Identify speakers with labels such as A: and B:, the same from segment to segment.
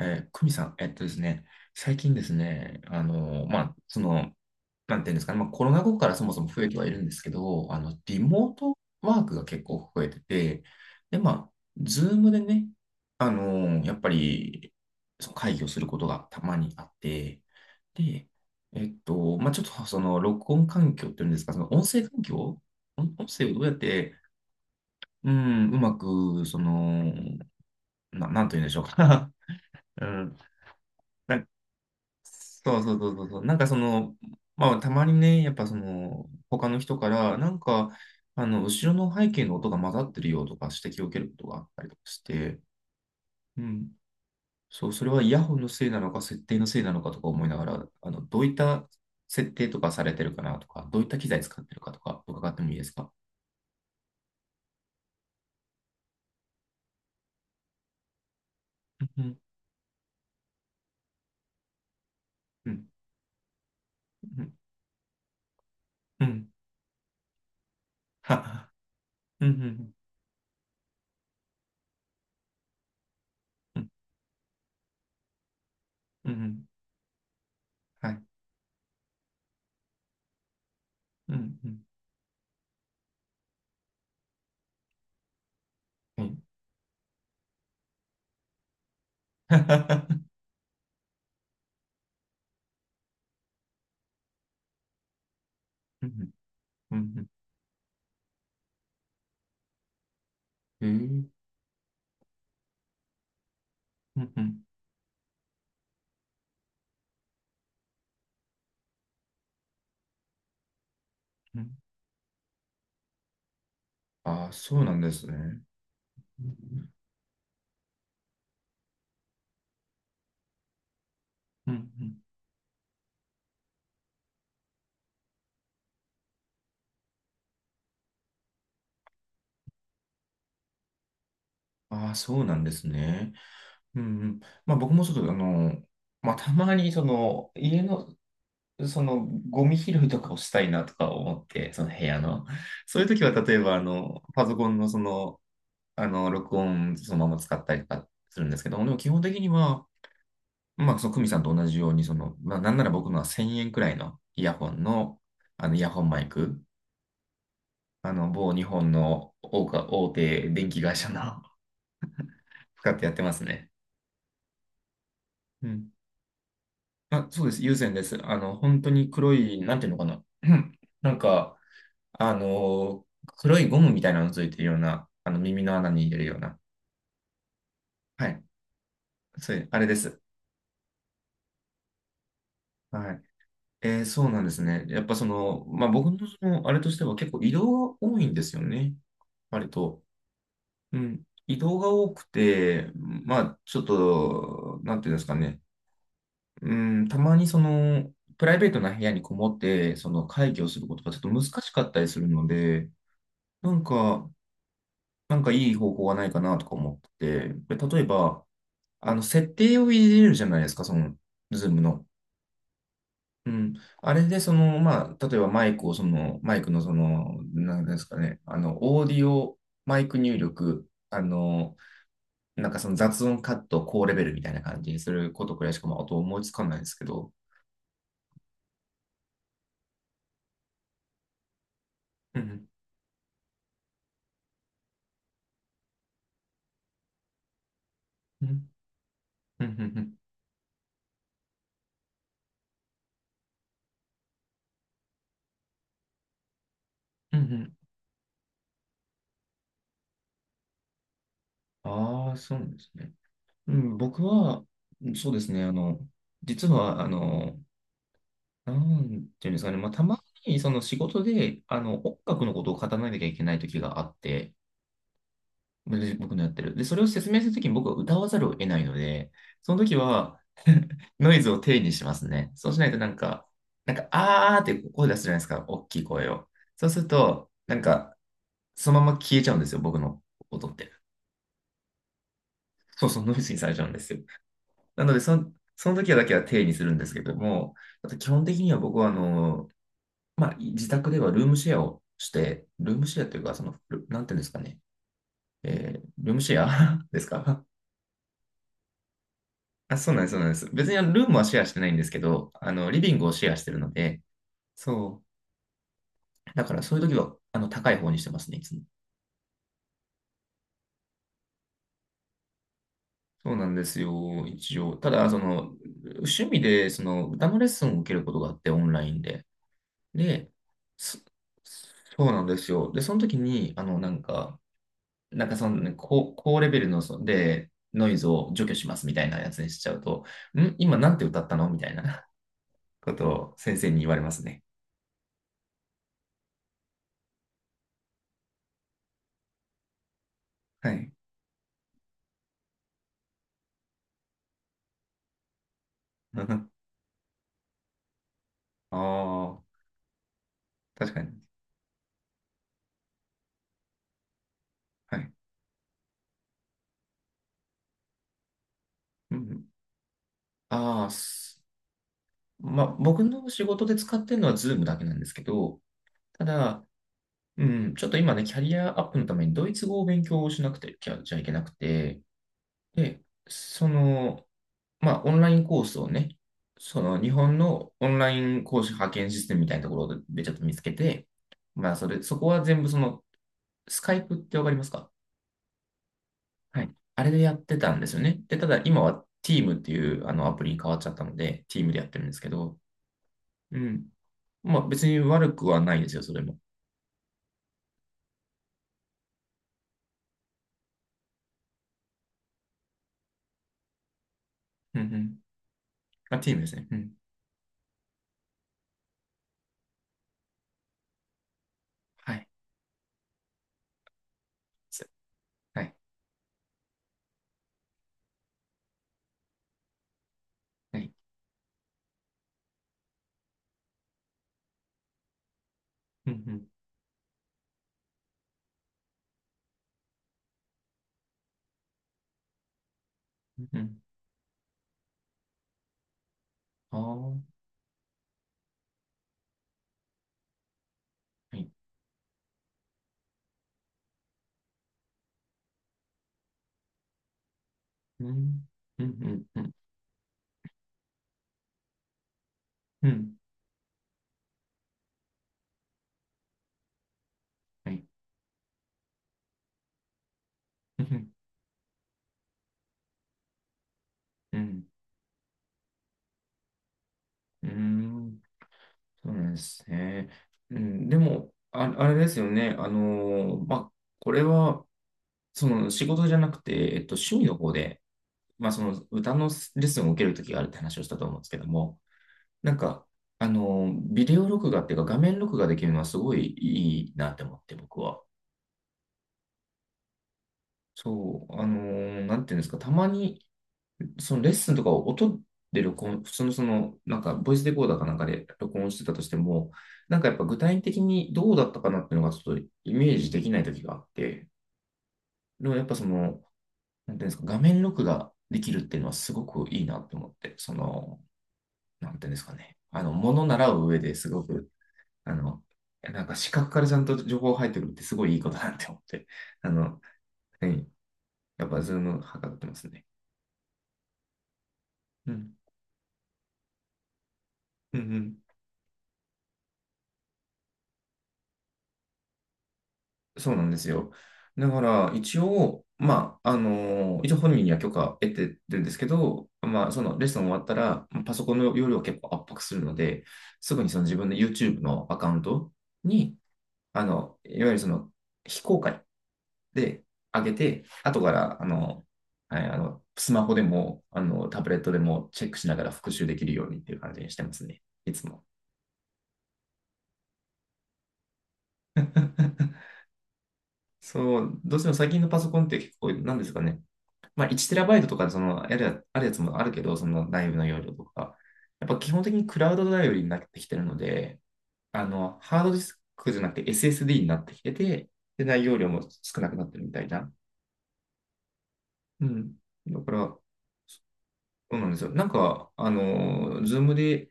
A: 久美さん、えっとですね、最近ですね、まあ、なんていうんですかね、まあ、コロナ後からそもそも増えてはいるんですけど、リモートワークが結構増えてて、で、まあ、ズームでね、やっぱり、その会議をすることがたまにあって、で、まあ、ちょっと録音環境っていうんですか、その音声環境音声をどうやって、うん、うまく、なんというんでしょうか。うん。なんそうそうそうそうそう、なんか、まあたまにね、やっぱその他の人からなんか、後ろの背景の音が混ざってるよとかして気をつけることがありとかして。うん、そう、それはイヤホンのせいなのか設定のせいなのかとか思いながら、どういった設定とかされてるかなとかどういった機材使ってるかとかとか、かってもいいですか？うん、うん、うん、うん、うん、はうん、うん、うん、うん、うん、はい、うん、うん、はははは、うん、うん、うん、うん、うん、うん。ああ、そうなんですね。うん、うん。ああ、そうなんですね。うん、うん。まあ僕もちょっとまあたまに家のそのゴミ拾いとかをしたいなとか思って、その部屋の。そういう時は例えばパソコンの録音そのまま使ったりとかするんですけども、でも基本的には、まあ久美さんと同じように、まあなんなら僕のは1000円くらいのイヤホンの、イヤホンマイク、某日本の大手電気会社の使ってやってますね。うん。あ、そうです。有線です。本当に黒い、なんていうのかな。なんか、あの黒いゴムみたいなのついてるような、耳の穴に入れるような。はい。そういう、あれです。はい。そうなんですね。やっぱまあ、僕のその、あれとしては結構移動が多いんですよね。割と。うん。移動が多くて、まあ、ちょっと、なんていうんですかね。うん、たまにプライベートな部屋にこもって、その会議をすることがちょっと難しかったりするので、なんか、なんかいい方法はないかなとか思ってて、で例えば、設定を入れるじゃないですか、その、ズームの。うん。あれで、まあ、例えばマイクを、その、マイクの、なんですかね、オーディオ、マイク入力、なんか、その雑音カット、高レベルみたいな感じにすることくらいしか、まあ、あと思いつかないですけど。うん、うん、うん、うん、うん、うん、うん、うん。ああ、そうなんですね。うん、僕は、うん、そうですね、実は、なんていうんですかね、まあ、たまに、その仕事で、音楽のことを語らなきゃいけない時があって、僕のやってる。で、それを説明するときに僕は歌わざるを得ないので、その時は ノイズを低にしますね。そうしないと、なんか、あーって声出すじゃないですか、大きい声を。そうすると、なんか、そのまま消えちゃうんですよ、僕の音って。そうそう、ノイズにされちゃうんですよ。なので、その時はだけは定にするんですけども、あと基本的には僕はまあ、自宅ではルームシェアをして、ルームシェアというか、なんていうんですかね、ルームシェア ですか？あ、そうなんです、そうなんです。別にルームはシェアしてないんですけど、リビングをシェアしてるので、そう。だからそういう時は、高い方にしてますね、いつも。そうなんですよ、一応。ただ、その、趣味で、その、歌のレッスンを受けることがあって、オンラインで。で、そ、そうなんですよ。で、その時に、なんか、その、ね、高レベルの、ノイズを除去しますみたいなやつにしちゃうと、今なんて歌ったのみたいな ことを先生に言われますね。はい。ああ、確かに。はい。うん、うん、ああ、まあ、僕の仕事で使ってるのは Zoom だけなんですけど、ただ、うん、ちょっと今ね、キャリアアップのためにドイツ語を勉強しなくてきゃ、じゃいけなくて、で、その、まあ、オンラインコースをね、その日本のオンライン講師派遣システムみたいなところでちょっと見つけて、まあ、そこは全部その、スカイプってわかりますか？はい。あれでやってたんですよね。で、ただ今は Team っていうあのアプリに変わっちゃったので、Team でやってるんですけど、うん。まあ、別に悪くはないですよ、それも。うん、うん。あ、Team ですね。うん。はい。すはい。はい。うん、うん。うん、うん。ああ。はい。うん。うん、うん、うん。うん。はい。うん、うん。うん。うーんそうなんですね。うん、でも、あ、あれですよね。まあ、これは、その仕事じゃなくて、趣味の方で、まあ、その歌のレッスンを受けるときがあるって話をしたと思うんですけども、なんか、ビデオ録画っていうか、画面録画できるのはすごいいいなって思って、僕は。そう、なんていうんですか、たまにそのレッスンとかを音で録音、普通のその、なんか、ボイスレコーダーかなんかで録音してたとしても、なんかやっぱ具体的にどうだったかなっていうのがちょっとイメージできない時があって、でもやっぱその、なんていうんですか、画面録画できるっていうのはすごくいいなって思って、その、なんていうんですかね、もの習う上ですごく、あの、なんか視覚からちゃんと情報入ってくるってすごいいいことだなって思って、あの、はやっぱズームはかってますね。うん。うん、うん、そうなんですよ。だから、一応、まあ、一応本人には許可得てるんですけど、まあ、そのレッスン終わったら、まあパソコンの容量を結構圧迫するので、すぐにその自分の YouTube のアカウントに、いわゆるその非公開で上げて、後から、はい、スマホでも、タブレットでもチェックしながら復習できるようにっていう感じにしてますね。いつも。そう、どうしても最近のパソコンって結構、なんですかね。まあ、1TB とかそのあるやつもあるけど、その内部の容量とか、やっぱ基本的にクラウド頼りになってきてるので、ハードディスクじゃなくて SSD になってきてて、で、内容量も少なくなってるみたいな。うん。だから、そうなんですよ。なんか、ズームで、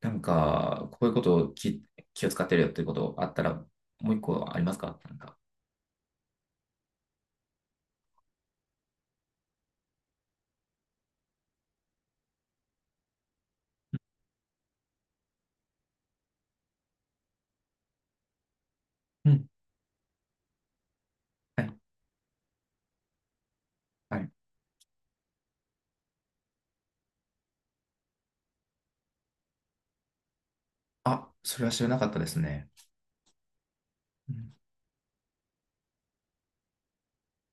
A: なんか、こういうことを気を使ってるよっていうことあったら、もう一個ありますか、なんか。うん。はい。はい。あ、それは知らなかったですね。うん。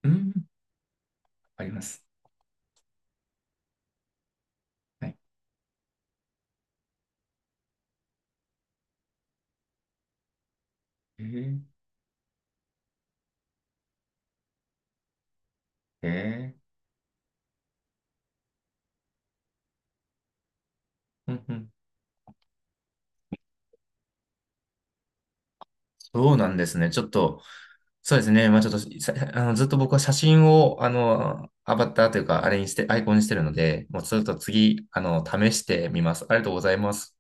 A: うん、あります。はい。えー、えーうん、うん、そうなんですね。ちょっと、そうですね。まあちょっと、さあの、ずっと僕は写真を、アバターというか、あれにして、アイコンにしてるので、もうちょっと次、試してみます。ありがとうございます。